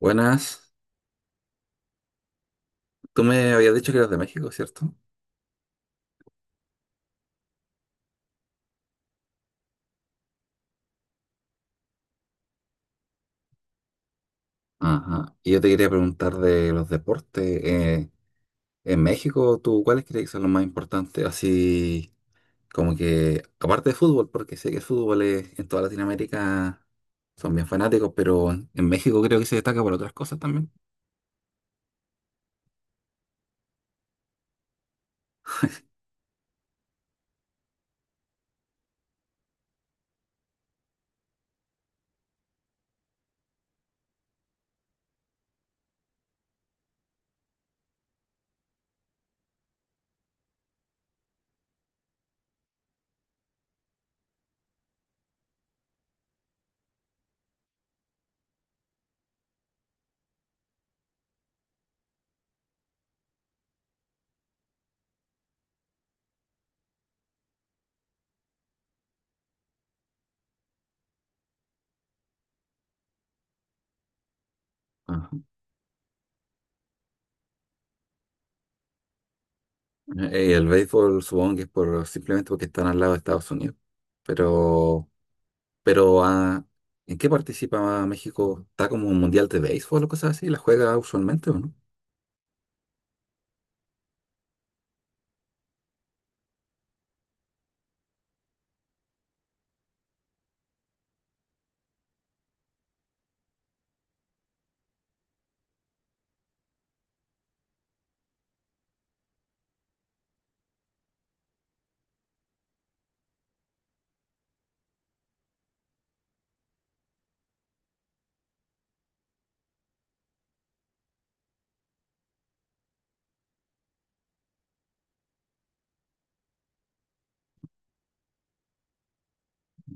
Buenas, tú me habías dicho que eras de México, ¿cierto? Ajá. Y yo te quería preguntar de los deportes. En México, ¿tú cuáles crees que son los más importantes? Así como que, aparte de fútbol, porque sé que el fútbol en toda Latinoamérica son bien fanáticos, pero en México creo que se destaca por otras cosas también. Ajá. El béisbol supongo que es por, simplemente porque están al lado de Estados Unidos. Pero Pero ah, ¿En qué participa México? ¿Está como un mundial de béisbol o cosas así? ¿La juega usualmente o no?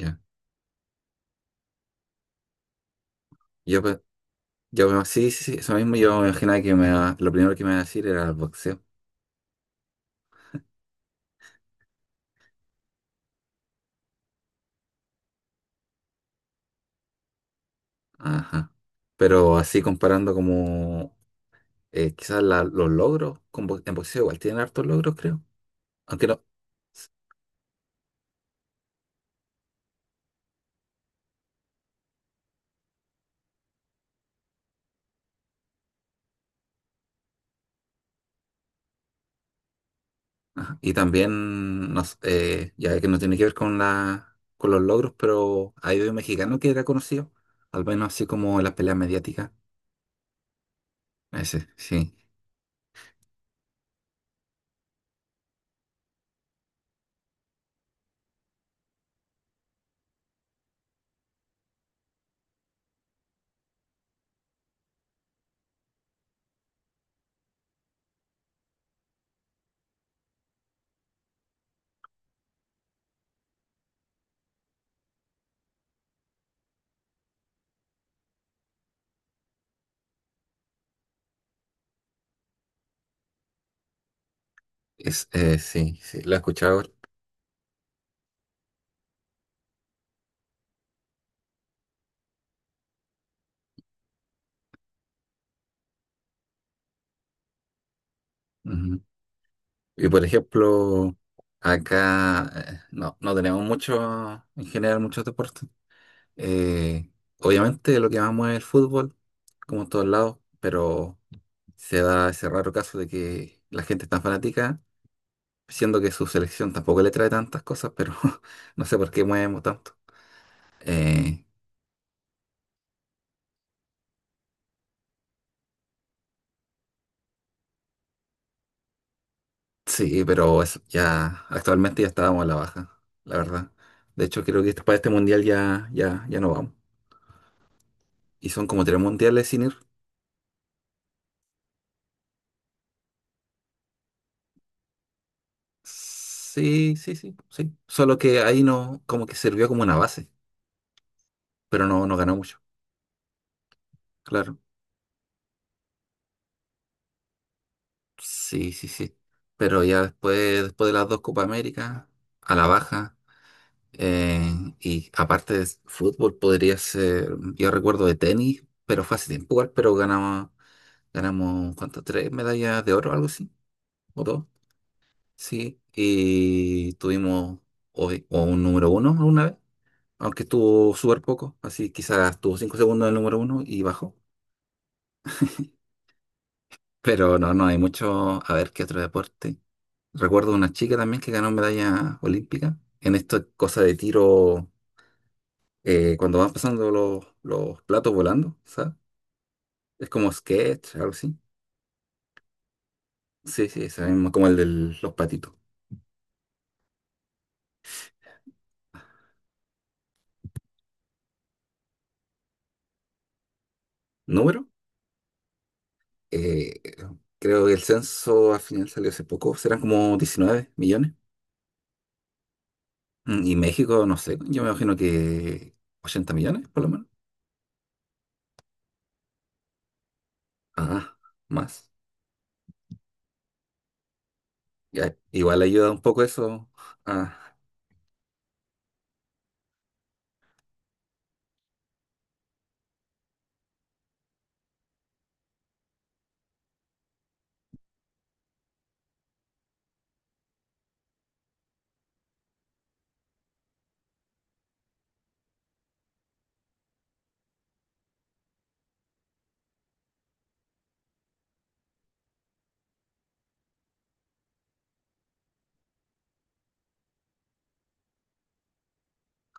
Ya. Yo, pe- sí, sí, sí, eso mismo yo me imaginaba que lo primero que me iba a decir era el boxeo. Ajá. Pero así comparando como quizás los logros, en boxeo igual tienen hartos logros, creo. Aunque no. s- ajá. Y también, no, ya que no tiene que ver con, con los logros, pero hay un mexicano que era conocido, al menos así como en las peleas mediáticas. Ese, sí, sí, sí, lo he escuchado. Ujú. Y por ejemplo, acá no, no tenemos mucho, en general, muchos deportes. Eh, Obviamente lo que más mueve es el fútbol, como en todos lados, pero se da ese raro caso de que la gente es tan fanática, siendo que su selección tampoco le trae tantas cosas, pero no sé por qué movemos tanto. Eh, Sí, pero ya actualmente ya estábamos a la baja, la verdad. De hecho, creo que para este mundial ya no vamos. Y son como tres mundiales sin ir. Sí, sí, sí, sí. Solo que ahí no, como que sirvió como una base, pero no ganó mucho. Claro. Sí, sí, sí. Pero ya después, después de las dos Copa América, a la baja. eh, y aparte de fútbol, podría ser, yo recuerdo de tenis, pero fue hace tiempo igual, pero ganamos, ¿cuánto? Tres medallas de oro, algo así. Votó, sí, y tuvimos hoy o un número uno alguna vez, aunque estuvo súper poco, así quizás estuvo 5 segundos del número uno y bajó. Pero no hay mucho. A ver qué otro deporte. Recuerdo una chica también que ganó medalla olímpica en esta cosa de tiro, cuando van pasando los platos volando, ¿sabes? Es como sketch, algo así. Sí, sí, ese mismo, como el de los patitos. ¿Número? Eh, Creo que el censo al final salió hace poco, serán como 19 millones. Y México, no sé, yo me imagino que 80 millones por lo menos. Ah, más. Ya, igual ayuda un poco eso. Ah,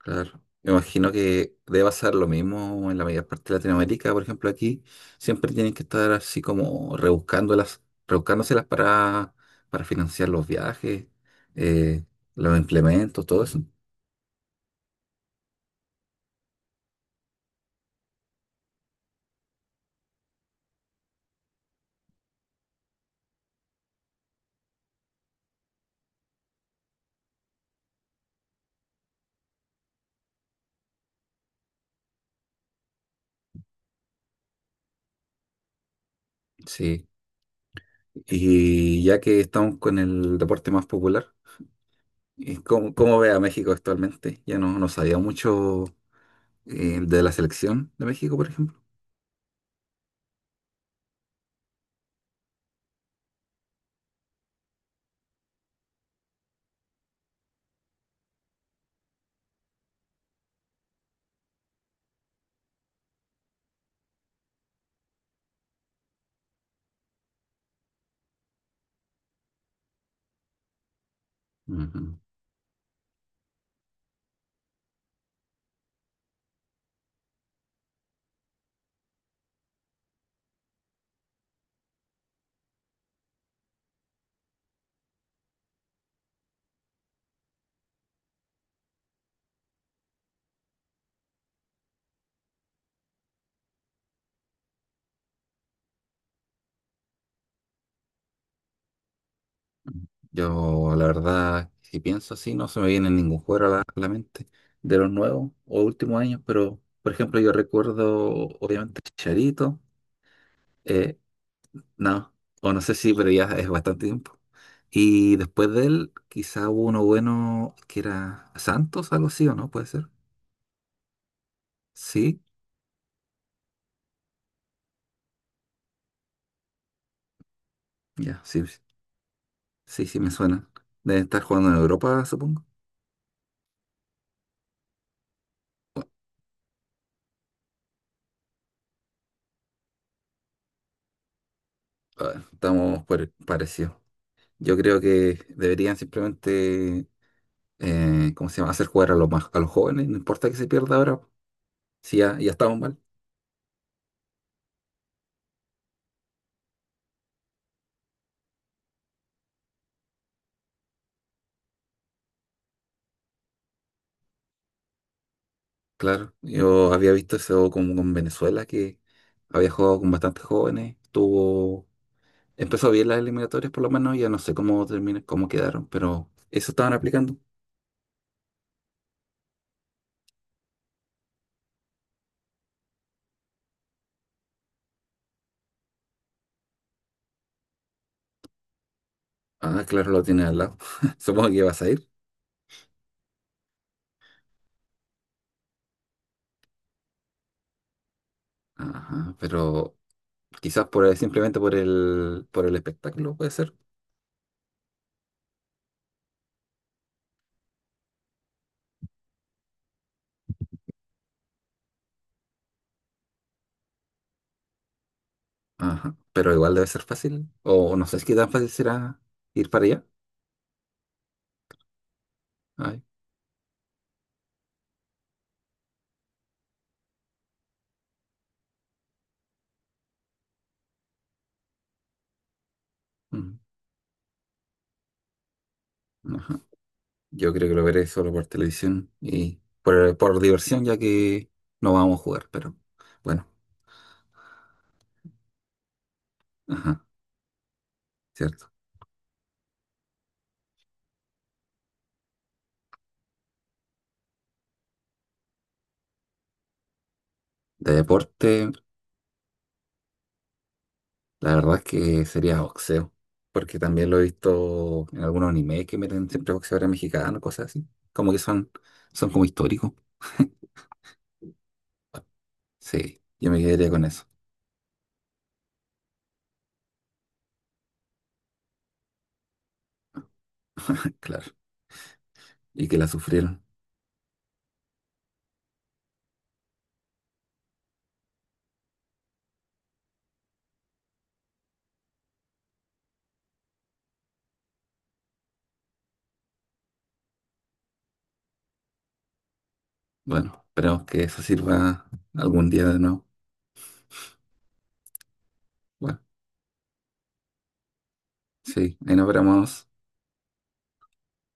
claro. Me imagino que debe pasar lo mismo en la mayor parte de Latinoamérica, por ejemplo, aquí siempre tienen que estar así como rebuscándolas, rebuscándoselas para, financiar los viajes, eh, los implementos, todo eso. Sí. Y ya que estamos con el deporte más popular, ¿cómo ve a México actualmente? Ya no sabía mucho de la selección de México, por ejemplo. Ujú. Yo, la verdad, si pienso así, no se me viene ningún jugador a la mente de los nuevos o últimos años, pero, por ejemplo, yo recuerdo, obviamente, Charito, no, o no sé si, pero ya es bastante tiempo. Y después de él, quizá hubo uno bueno que era Santos, algo así, ¿o no? Puede ser. Sí, ya, sí, sí, sí, sí, me suena. Deben estar jugando en Europa, supongo. Bueno, a ver, estamos parecidos. Yo creo que deberían simplemente, ¿cómo se llama? Hacer jugar a los más, a los jóvenes, no importa que se pierda ahora. Si ya estamos mal, claro. Yo había visto eso como con Venezuela, que había jugado con bastantes jóvenes. Empezó bien las eliminatorias por lo menos, ya no sé cómo terminan, cómo quedaron, pero eso estaban aplicando. Ah, claro, lo tiene al lado. Supongo que vas a ir. Ajá, pero quizás por simplemente por el espectáculo puede ser. Ajá. Pero igual debe ser fácil. O no sé si qué tan fácil será ir para allá. Ay, mm, ajá. Yo creo que lo veré solo por televisión y por diversión, ya que no vamos a jugar, pero bueno, ajá, cierto. De deporte, la verdad es que sería boxeo, porque también lo he visto en algunos animes que meten siempre boxeadores mexicanos, cosas así. Como que son, son como históricos. Sí, yo me quedaría con eso, claro. Y que la sufrieron. Bueno, esperemos que eso sirva algún día de nuevo. Bueno, sí, ahí nos veremos.